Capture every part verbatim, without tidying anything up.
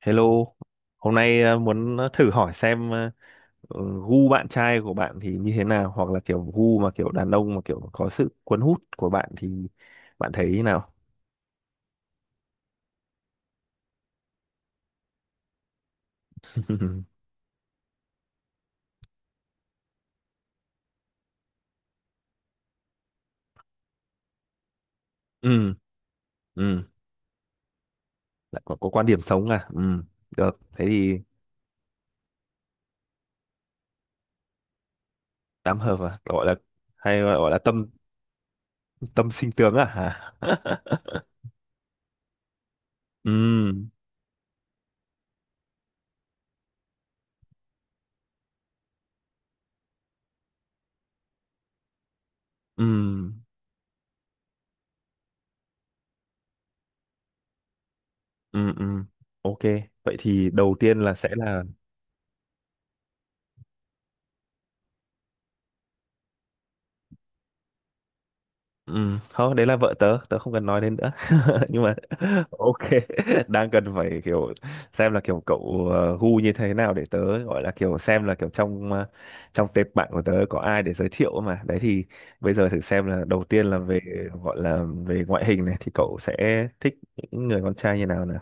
Hello, hôm nay ờ, muốn thử hỏi xem ờ, ờ, gu bạn trai của bạn thì như thế nào, hoặc là kiểu gu mà kiểu đàn ông mà kiểu có sự cuốn hút của bạn thì bạn thấy thế nào? Ừ, ừ, lại có, có quan điểm sống à? Ừ, được, thế thì tám hợp à? Gọi là hay gọi là tâm tâm sinh tướng à? Hả? Ừ, ừ, ừ, ừ. Ok, vậy thì đầu tiên là sẽ là. Ừ, không, đấy là vợ tớ, tớ không cần nói đến nữa. Nhưng mà ok, đang cần phải kiểu xem là kiểu cậu ờ, gu như thế nào để tớ gọi là kiểu xem là kiểu trong ờ, trong tệp bạn của tớ có ai để giới thiệu mà. Đấy thì bây giờ thử xem là đầu tiên là về gọi là về ngoại hình này thì cậu sẽ thích những người con trai như nào nào.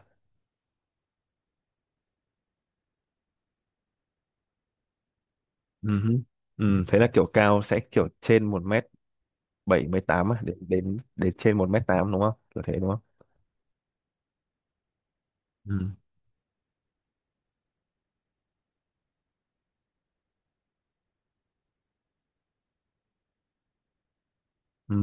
Ừ hứ. Ừ, thế là kiểu cao sẽ kiểu trên một mét bảy mươi tám à, đến đến đến trên một mét tám đúng không? Kiểu thế đúng không? Ừ.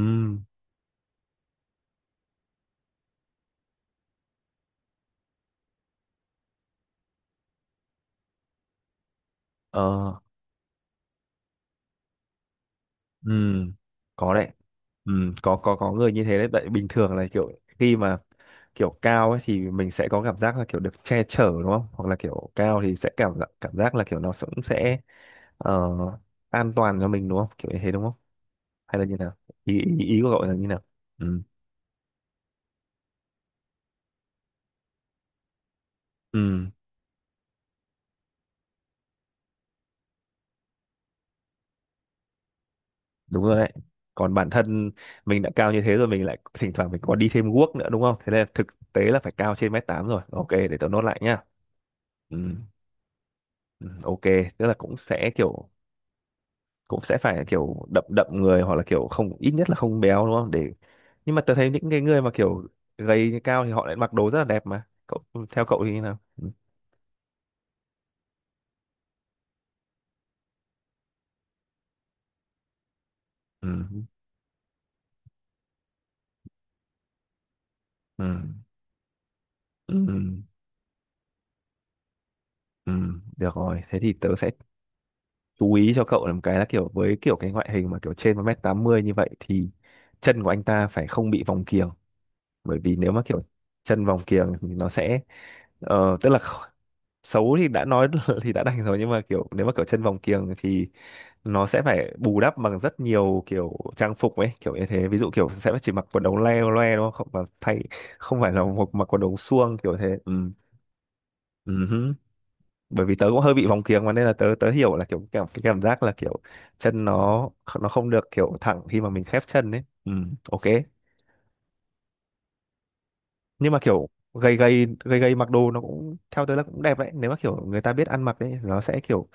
Ừ. Ừ, có đấy. Ừ, có có có người như thế đấy, tại bình thường là kiểu khi mà kiểu cao ấy thì mình sẽ có cảm giác là kiểu được che chở đúng không, hoặc là kiểu cao thì sẽ cảm giác cảm giác là kiểu nó cũng sẽ ờ, an toàn cho mình đúng không, kiểu như thế đúng không, hay là như nào, ý ý, ý của cậu là như nào. Ừ, ừ, đúng rồi đấy. Còn bản thân mình đã cao như thế rồi, mình lại thỉnh thoảng mình còn đi thêm guốc nữa đúng không, thế nên thực tế là phải cao trên mét tám rồi. Ok, để tớ nốt lại nhá. Ừ, ừ, ok, tức là cũng sẽ kiểu cũng sẽ phải kiểu đậm đậm người, hoặc là kiểu không, ít nhất là không béo đúng không, để nhưng mà tớ thấy những cái người mà kiểu gầy cao thì họ lại mặc đồ rất là đẹp mà cậu, theo cậu thì như nào. Ừ. Ừ. Ừ. Ừ. Ừ. Được rồi, thế thì tớ sẽ chú ý cho cậu. Làm cái là kiểu với kiểu cái ngoại hình mà kiểu trên một mét tám mươi như vậy thì chân của anh ta phải không bị vòng kiềng, bởi vì nếu mà kiểu chân vòng kiềng thì nó sẽ ờ, tức là kh- xấu thì đã nói thì đã đành rồi, nhưng mà kiểu nếu mà kiểu chân vòng kiềng thì nó sẽ phải bù đắp bằng rất nhiều kiểu trang phục ấy, kiểu như thế, ví dụ kiểu sẽ chỉ mặc quần ống le loe đúng không, và thay không phải là một mặc quần ống suông kiểu thế. Ừ. Ừ hứ. Bởi vì tớ cũng hơi bị vòng kiếng mà, nên là tớ tớ hiểu là kiểu cảm cái cảm giác là kiểu chân nó nó không được kiểu thẳng khi mà mình khép chân ấy. Ừ, ok. Nhưng mà kiểu gầy gầy gầy gầy mặc đồ nó cũng theo tớ là cũng đẹp đấy, nếu mà kiểu người ta biết ăn mặc đấy, nó sẽ kiểu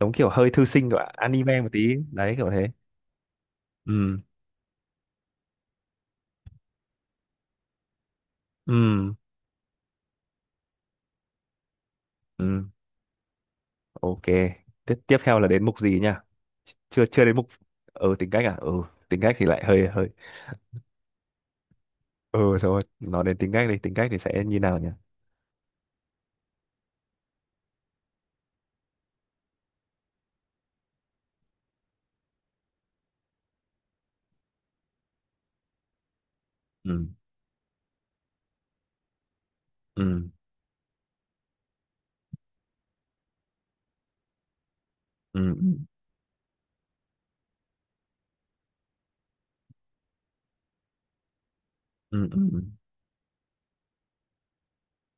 giống kiểu hơi thư sinh của anime một tí đấy, kiểu thế. Ừ, ừ, ừ. Ok, tiếp tiếp theo là đến mục gì nha? Chưa, chưa đến mục. Ừ, tính cách à? Ừ, tính cách thì lại hơi hơi. Ừ thôi, nói đến tính cách đi, tính cách thì sẽ như nào nhỉ? Ừ, ừ, ừ, ừ, ừ, ừ.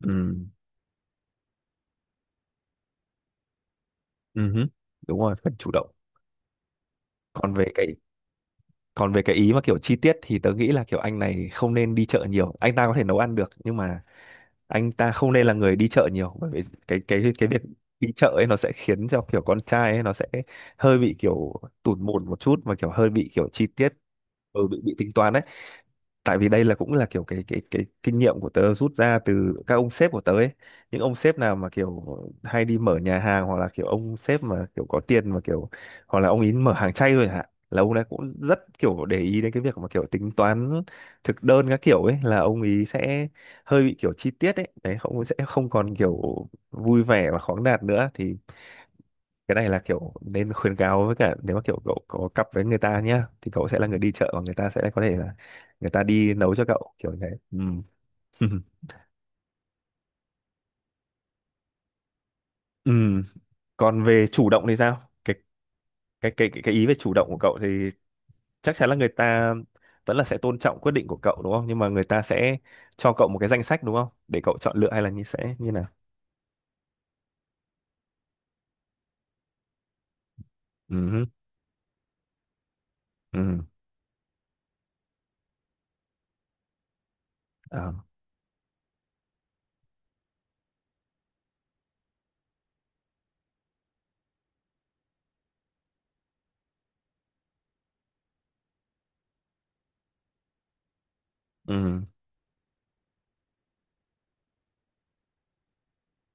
Ừ, ừ hứ. Đúng rồi, cần chủ động. Còn về cái còn về cái ý mà kiểu chi tiết thì tớ nghĩ là kiểu anh này không nên đi chợ nhiều. Anh ta có thể nấu ăn được nhưng mà anh ta không nên là người đi chợ nhiều, bởi vì cái cái cái việc đi chợ ấy nó sẽ khiến cho kiểu con trai ấy nó sẽ hơi bị kiểu tủn mồn một chút và kiểu hơi bị kiểu chi tiết. ừ, bị bị tính toán đấy, tại vì đây là cũng là kiểu cái cái cái kinh nghiệm của tớ rút ra từ các ông sếp của tớ ấy. Những ông sếp nào mà kiểu hay đi mở nhà hàng, hoặc là kiểu ông sếp mà kiểu có tiền mà kiểu hoặc là ông ý mở hàng chay rồi hả, là ông ấy cũng rất kiểu để ý đến cái việc mà kiểu tính toán thực đơn các kiểu ấy, là ông ý sẽ hơi bị kiểu chi tiết ấy, đấy, không sẽ không còn kiểu vui vẻ và khoáng đạt nữa. Thì cái này là kiểu nên khuyến cáo, với cả nếu mà kiểu cậu có cặp với người ta nhá thì cậu sẽ là người đi chợ và người ta sẽ có thể là người ta đi nấu cho cậu, kiểu như thế. Ừ. Ừ. Còn về chủ động thì sao, cái cái cái cái cái ý về chủ động của cậu thì chắc chắn là người ta vẫn là sẽ tôn trọng quyết định của cậu đúng không, nhưng mà người ta sẽ cho cậu một cái danh sách đúng không, để cậu chọn lựa hay là như sẽ như nào. Ừ, ừ, ờ, ừ,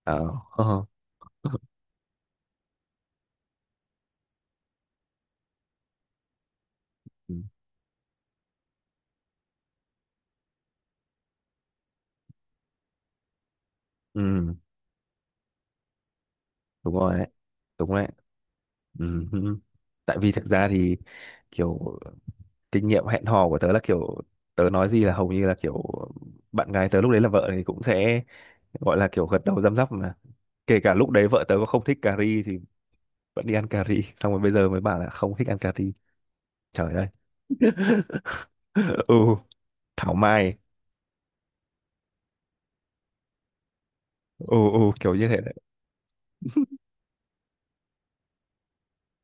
ờ. Ừ, ừ, đúng rồi đấy, đúng rồi. Ừ. Tại vì thực ra thì kiểu, kinh nghiệm hẹn hò của tớ là kiểu tớ nói gì là hầu như là kiểu bạn gái tớ lúc đấy là vợ thì cũng sẽ gọi là kiểu gật đầu răm rắp mà, kể cả lúc đấy vợ tớ có không thích cà ri thì vẫn đi ăn cà ri, xong rồi bây giờ mới bảo là không thích ăn cà ri, trời ơi. Ừ, thảo mai. Ừ, ừ, kiểu như thế đấy.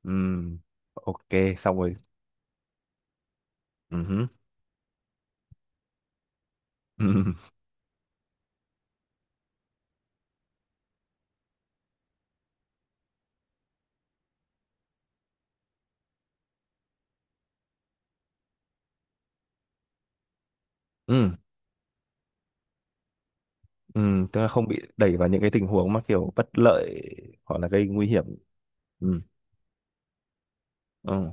Ừ, ok, xong rồi. Ừ hứ, ừ, ừ, ừ, tức là không bị đẩy vào những cái tình huống mà kiểu bất lợi hoặc là gây nguy hiểm. Ừ, ừ.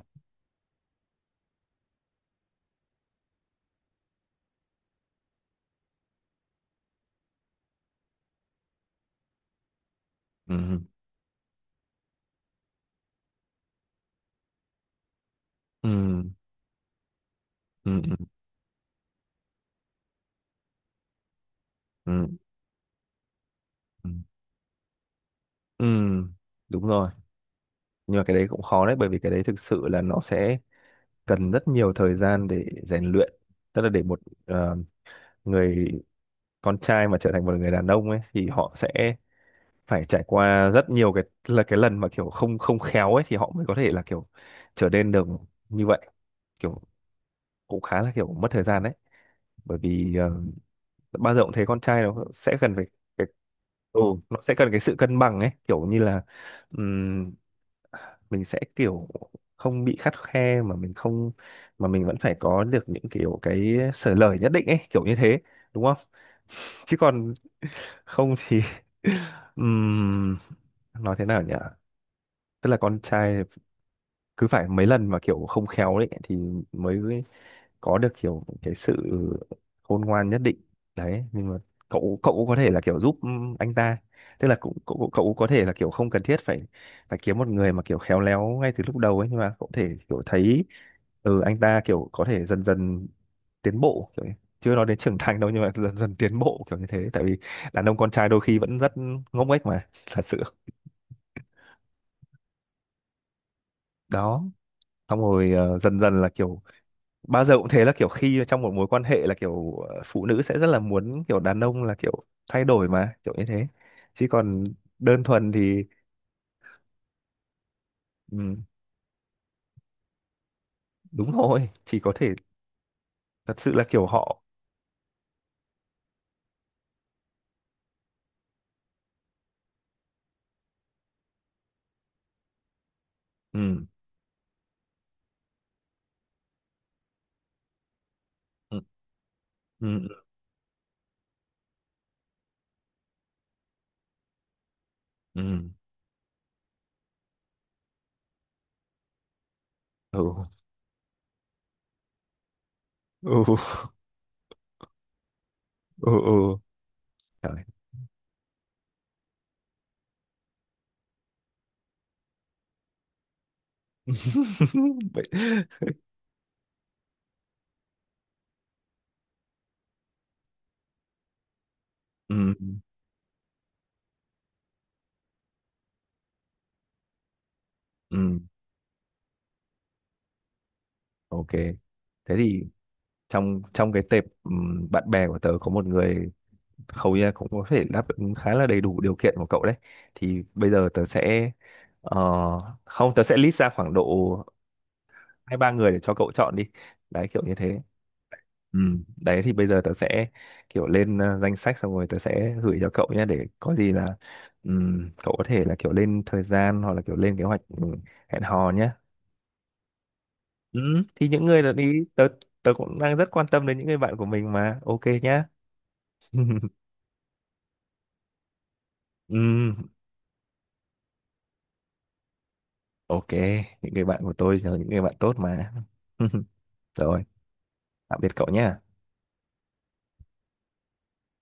Ừm, ừm, ừm, ừm, ừm, ừm, ừm. Đúng rồi. Nhưng mà cái đấy cũng khó đấy, bởi vì cái đấy thực sự là nó sẽ cần rất nhiều thời gian để rèn luyện. Tức là để một ờ, người con trai mà trở thành một người đàn ông ấy thì họ sẽ phải trải qua rất nhiều cái là cái lần mà kiểu không, không khéo ấy thì họ mới có thể là kiểu trở nên được như vậy. Kiểu cũng khá là kiểu mất thời gian đấy. Bởi vì ờ, bao giờ cũng thấy con trai nó sẽ cần phải phải. Ừ, nó sẽ cần cái sự cân bằng ấy kiểu như là ừm, mình sẽ kiểu không bị khắt khe mà mình không, mà mình vẫn phải có được những kiểu cái sở lời nhất định ấy, kiểu như thế đúng không. Chứ còn không thì ừm, nói thế nào nhỉ, tức là con trai cứ phải mấy lần mà kiểu không khéo đấy thì mới có được kiểu cái sự khôn ngoan nhất định đấy, nhưng mà cậu cậu cũng có thể là kiểu giúp anh ta, tức là cũng cậu, cậu cậu cũng có thể là kiểu không cần thiết phải phải kiếm một người mà kiểu khéo léo ngay từ lúc đầu ấy, nhưng mà cậu có thể kiểu thấy ừ anh ta kiểu có thể dần dần tiến bộ kiểu, chưa nói đến trưởng thành đâu, nhưng mà dần dần tiến bộ kiểu như thế, tại vì đàn ông con trai đôi khi vẫn rất ngốc nghếch mà, thật sự đó. Xong rồi ờ, dần dần là kiểu bao giờ cũng thế, là kiểu khi trong một mối quan hệ là kiểu ờ, phụ nữ sẽ rất là muốn kiểu đàn ông là kiểu thay đổi mà, kiểu như thế, chứ còn đơn thuần thì. Ừ, đúng rồi, chỉ có thể thật sự là kiểu họ. Ừ, ừ, ừ, ừ, ừ, ừ, ừ, ừ. Trời. Vậy. Ừ, ừ, ok. Thế thì trong trong cái tệp ừ, bạn bè của tớ có một người hầu như là cũng có thể đáp ứng khá là đầy đủ điều kiện của cậu đấy, thì bây giờ tớ sẽ ờ, không tớ sẽ list ra khoảng độ hai ba người để cho cậu chọn đi, đấy kiểu như thế. Ừ. Đấy thì bây giờ tớ sẽ kiểu lên ờ, danh sách xong rồi tớ sẽ gửi cho cậu nhé, để có gì là ừm, cậu có thể là kiểu lên thời gian hoặc là kiểu lên kế hoạch ừ, hẹn hò nhé. Ừ. Thì những người là đi tớ tớ cũng đang rất quan tâm đến những người bạn của mình mà, ok nhá. Ừ. Ok, những người bạn của tôi là những người bạn tốt mà. Rồi, tạm biệt cậu nhé.